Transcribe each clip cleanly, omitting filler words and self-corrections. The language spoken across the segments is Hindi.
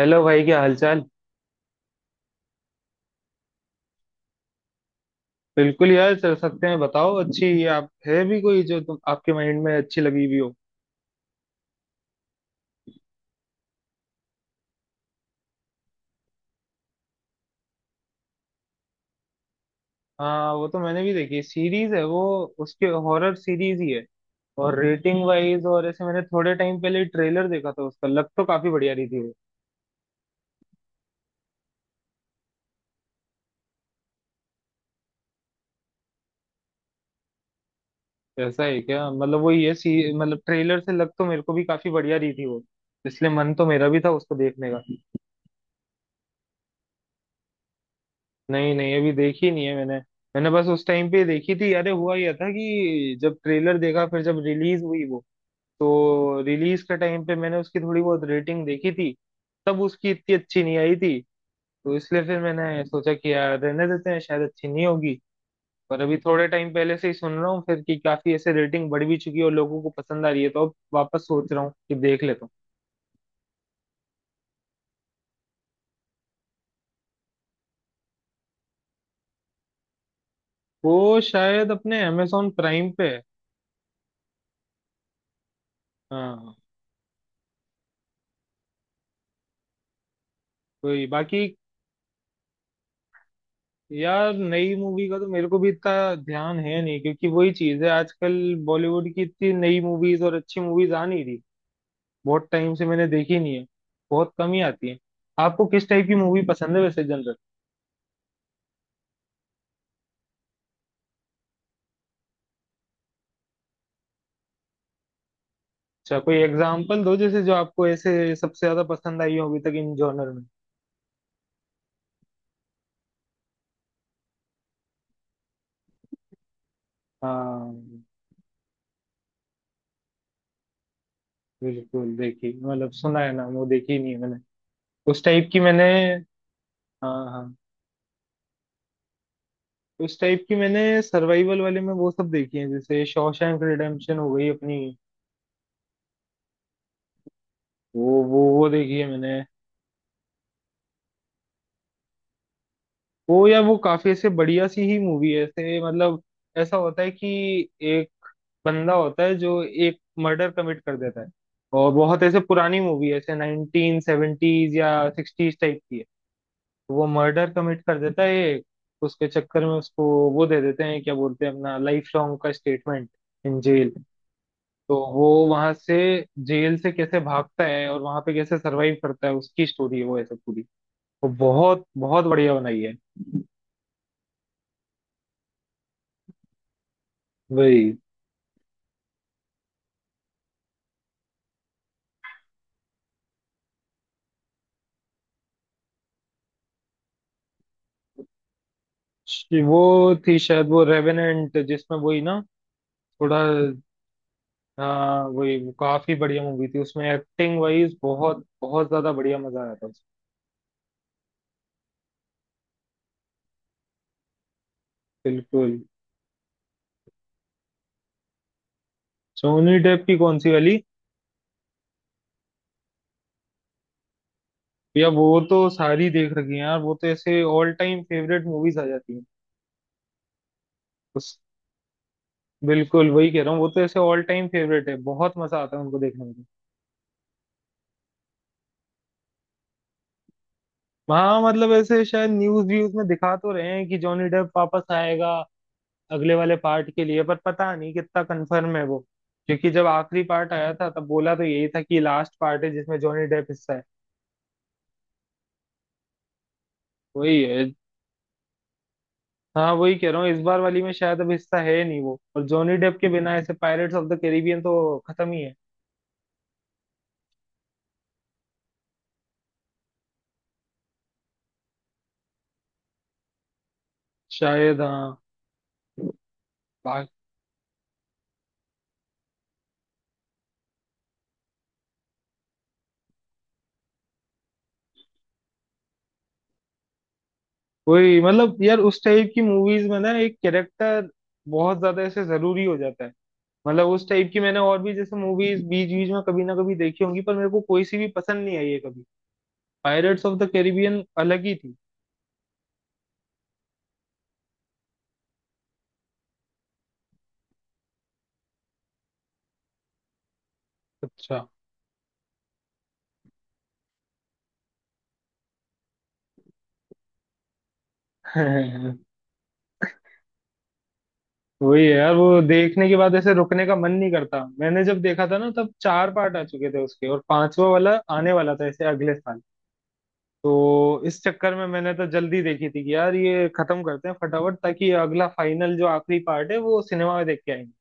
हेलो भाई, क्या हालचाल। बिल्कुल यार, चल सकते हैं। बताओ, अच्छी आप है भी कोई जो तुम आपके माइंड में अच्छी लगी हुई हो। हाँ, वो तो मैंने भी देखी, सीरीज है वो, उसके हॉरर सीरीज ही है। और रेटिंग वाइज और ऐसे, मैंने थोड़े टाइम पहले ट्रेलर देखा था उसका, लग तो काफी बढ़िया रही थी वो। ऐसा है क्या? मतलब वो ये सी मतलब ट्रेलर से लग तो मेरे को भी काफी बढ़िया रही थी वो, इसलिए मन तो मेरा भी था उसको देखने का। नहीं नहीं, अभी देखी नहीं है मैंने। मैंने बस उस टाइम पे देखी थी, अरे हुआ यह था कि जब ट्रेलर देखा फिर जब रिलीज हुई वो, तो रिलीज के टाइम पे मैंने उसकी थोड़ी बहुत रेटिंग देखी थी। तब उसकी इतनी अच्छी नहीं आई थी। तो इसलिए फिर मैंने सोचा कि यार रहने देते हैं, शायद अच्छी नहीं होगी। पर अभी थोड़े टाइम पहले से ही सुन रहा हूँ फिर कि काफी ऐसे रेटिंग बढ़ भी चुकी है और लोगों को पसंद आ रही है, तो अब वापस सोच रहा हूँ कि देख लेता हूँ। वो शायद अपने अमेजोन प्राइम पे है। हाँ। कोई बाकी। यार, नई मूवी का तो मेरे को भी इतना ध्यान है नहीं, क्योंकि वही चीज है, आजकल बॉलीवुड की इतनी नई मूवीज और अच्छी मूवीज आ नहीं रही। बहुत टाइम से मैंने देखी नहीं है। बहुत कम ही आती है। आपको किस टाइप की मूवी पसंद है वैसे जनरल? अच्छा, कोई एग्जांपल दो, जैसे जो आपको ऐसे सबसे ज्यादा पसंद आई हो अभी तक इन जॉनर में। हाँ, बिल्कुल देखी, मतलब सुना है ना, वो देखी नहीं है मैंने। उस टाइप की मैंने, हाँ हाँ, उस टाइप की मैंने सर्वाइवल वाले में वो सब देखी है, जैसे शॉशैंक रिडेम्पशन हो गई अपनी। वो देखी है मैंने। वो या वो काफी ऐसे बढ़िया सी ही मूवी है, ऐसे मतलब ऐसा होता है कि एक बंदा होता है जो एक मर्डर कमिट कर देता है। और बहुत ऐसे पुरानी मूवी है, ऐसे नाइनटीन सेवेंटीज या सिक्सटीज टाइप की है। तो वो मर्डर कमिट कर देता है एक, उसके चक्कर में उसको वो दे देते हैं, क्या बोलते हैं, अपना लाइफ लॉन्ग का स्टेटमेंट, इन जेल। तो वो वहां से, जेल से कैसे भागता है और वहां पे कैसे सरवाइव करता है, उसकी स्टोरी है वो ऐसे पूरी। वो बहुत बहुत बढ़िया बनाई है। वही। वो थी शायद वो रेवेनेंट, जिसमें वही ना, थोड़ा, हाँ वही। वो काफी बढ़िया मूवी थी, उसमें एक्टिंग वाइज बहुत बहुत ज्यादा बढ़िया, मजा आया था उसमें। बिल्कुल। सोनी डेप की कौन सी वाली? या वो तो सारी देख रखी है यार, वो तो ऐसे ऑल टाइम फेवरेट मूवीज आ जाती हैं। उस, बिल्कुल वही कह रहा हूँ, वो तो ऐसे ऑल टाइम फेवरेट है, बहुत मजा आता है उनको देखने में। हाँ, मतलब ऐसे शायद न्यूज व्यूज में दिखा तो रहे हैं कि जॉनी डेप वापस आएगा अगले वाले पार्ट के लिए, पर पता नहीं कितना कंफर्म है वो, क्योंकि जब आखिरी पार्ट आया था तब बोला तो यही था कि लास्ट पार्ट है जिसमें जॉनी डेप हिस्सा है। वही है। हाँ वही कह रहा हूँ, इस बार वाली में शायद अब हिस्सा है नहीं वो, और जॉनी डेप के बिना ऐसे पायरेट्स ऑफ द कैरिबियन तो खत्म ही है। शायद हाँ। बा- वही मतलब यार, उस टाइप की मूवीज में ना एक कैरेक्टर बहुत ज्यादा ऐसे जरूरी हो जाता है। मतलब उस टाइप की मैंने और भी जैसे मूवीज बीच बीच में कभी ना कभी देखी होंगी, पर मेरे को कोई सी भी पसंद नहीं आई है कभी। पायरेट्स ऑफ द कैरिबियन अलग ही थी। अच्छा। वही है यार, वो देखने के बाद ऐसे रुकने का मन नहीं करता। मैंने जब देखा था ना, तब चार पार्ट आ चुके थे उसके और पांचवा वाला आने वाला था ऐसे अगले साल। तो इस चक्कर में मैंने तो जल्दी देखी थी कि यार ये खत्म करते हैं फटाफट, ताकि अगला फाइनल जो आखिरी पार्ट है वो सिनेमा में देख के आएंगे।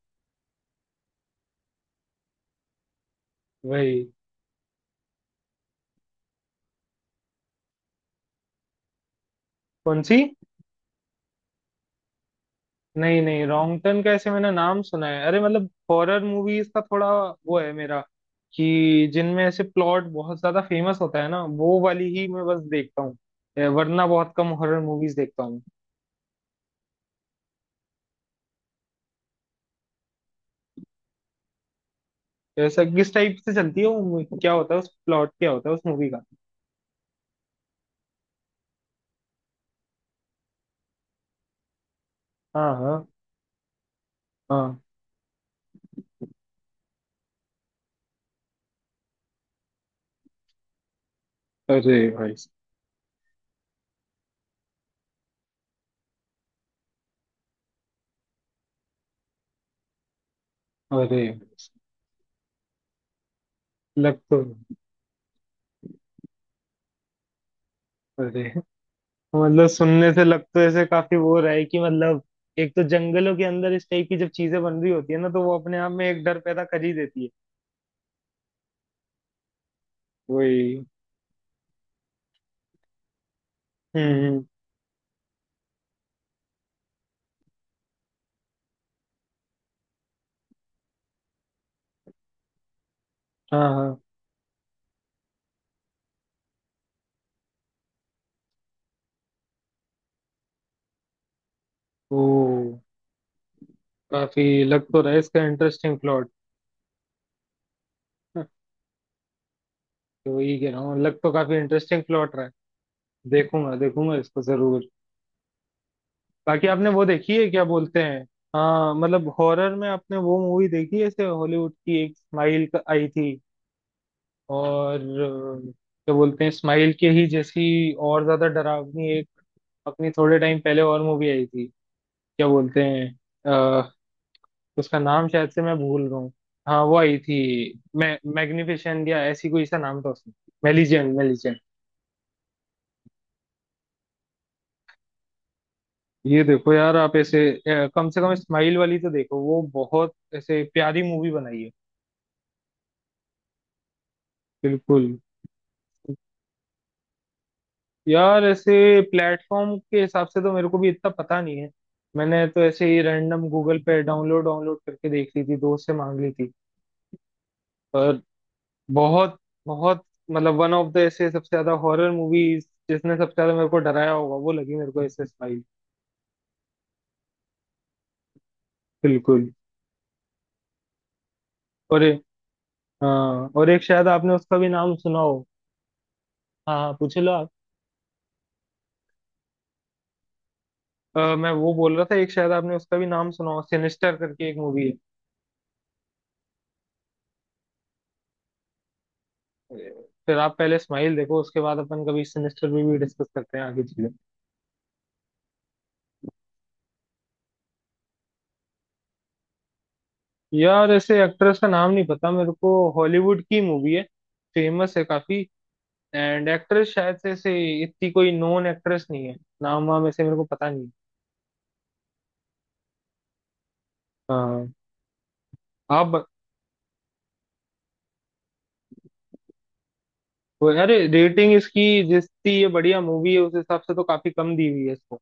वही। कौन सी? नहीं नहीं, रॉन्ग टर्न का ऐसे मैंने नाम सुना है, अरे मतलब हॉरर मूवीज का थोड़ा वो है मेरा कि जिनमें ऐसे प्लॉट बहुत ज्यादा फेमस होता है ना, वो वाली ही मैं बस देखता हूँ, वरना बहुत कम हॉरर मूवीज देखता हूँ। ऐसा किस टाइप से चलती है वो movie? क्या होता है उस प्लॉट, क्या होता है उस मूवी का? हाँ हाँ हाँ। अरे भाई। अरे। लग तो, अरे मतलब सुनने से लग तो ऐसे काफी वो रहा है, कि मतलब एक तो जंगलों के अंदर इस टाइप की जब चीजें बन रही होती है ना, तो वो अपने आप में एक डर पैदा कर ही देती है। वही। हम्म। हाँ हाँ। ओ, काफी लग तो रहा है इसका इंटरेस्टिंग प्लॉट। तो वही कह रहा हूँ, लग तो काफी इंटरेस्टिंग प्लॉट रहा है। देखूंगा देखूंगा इसको जरूर। बाकी आपने वो देखी है, क्या बोलते हैं, हाँ मतलब हॉरर में आपने वो मूवी देखी है ऐसे हॉलीवुड की, एक स्माइल आई थी। और क्या बोलते हैं, स्माइल के ही जैसी और ज्यादा डरावनी एक, अपनी थोड़े टाइम पहले और मूवी आई थी, क्या बोलते हैं, उसका नाम शायद से मैं भूल रहा हूँ। हाँ वो आई थी, मैं मैग्निफिसेंट या ऐसी कोई सा नाम था उसमें, मेलिजेंट मेलिजेंट। ये देखो यार आप ऐसे, कम से कम स्माइल वाली तो देखो, वो बहुत ऐसे प्यारी मूवी बनाई है। बिल्कुल। यार ऐसे प्लेटफॉर्म के हिसाब से तो मेरे को भी इतना पता नहीं है, मैंने तो ऐसे ही रैंडम गूगल पे डाउनलोड डाउनलोड करके देख ली थी, दोस्त से मांग ली थी। पर बहुत बहुत, मतलब वन ऑफ द ऐसे सबसे ज्यादा हॉरर मूवीज जिसने सबसे ज्यादा मेरे को डराया होगा, वो लगी मेरे को ऐसे स्पाई। बिल्कुल। और हाँ, और एक शायद आपने उसका भी नाम सुना हो। हाँ हाँ, पूछ लो आप। मैं वो बोल रहा था, एक शायद आपने उसका भी नाम सुना हो, सिनिस्टर करके एक मूवी है। फिर आप पहले स्माइल देखो, उसके बाद अपन कभी सिनिस्टर भी डिस्कस करते हैं आगे चीजें। यार ऐसे एक्ट्रेस का नाम नहीं पता मेरे को, हॉलीवुड की मूवी है, फेमस है काफी। एंड एक्ट्रेस शायद से ऐसे इतनी कोई नोन एक्ट्रेस नहीं है, नाम वाम ऐसे मेरे को पता नहीं है। हाँ। आप अरे रेटिंग इसकी, जितनी ये बढ़िया मूवी है उस हिसाब से तो काफी कम दी हुई है इसको।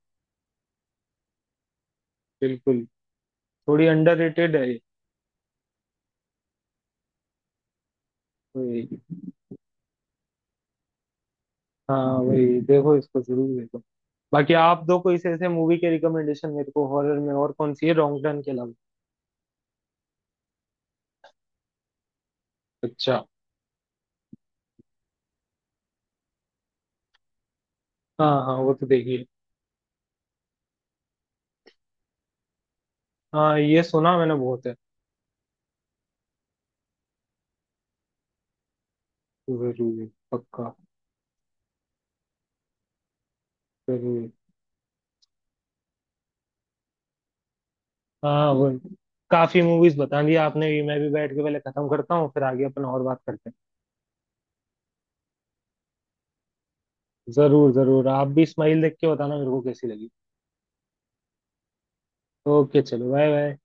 बिल्कुल। थोड़ी अंडररेटेड है ये। वही। हाँ वही, देखो इसको जरूर देखो। बाकी आप दो कोई ऐसे मूवी के रिकमेंडेशन मेरे को हॉरर में और कौन सी है, रॉन्ग टर्न के अलावा। अच्छा। हाँ हाँ वो तो देखिए। हाँ ये सुना मैंने बहुत है। जरूर, पक्का, जरूर। हाँ वो, काफी मूवीज बता दी आपने भी, मैं भी बैठ के पहले खत्म करता हूँ फिर आगे अपन और बात करते हैं। जरूर जरूर, आप भी स्माइल देख के बताना मेरे को कैसी लगी। ओके, चलो बाय बाय।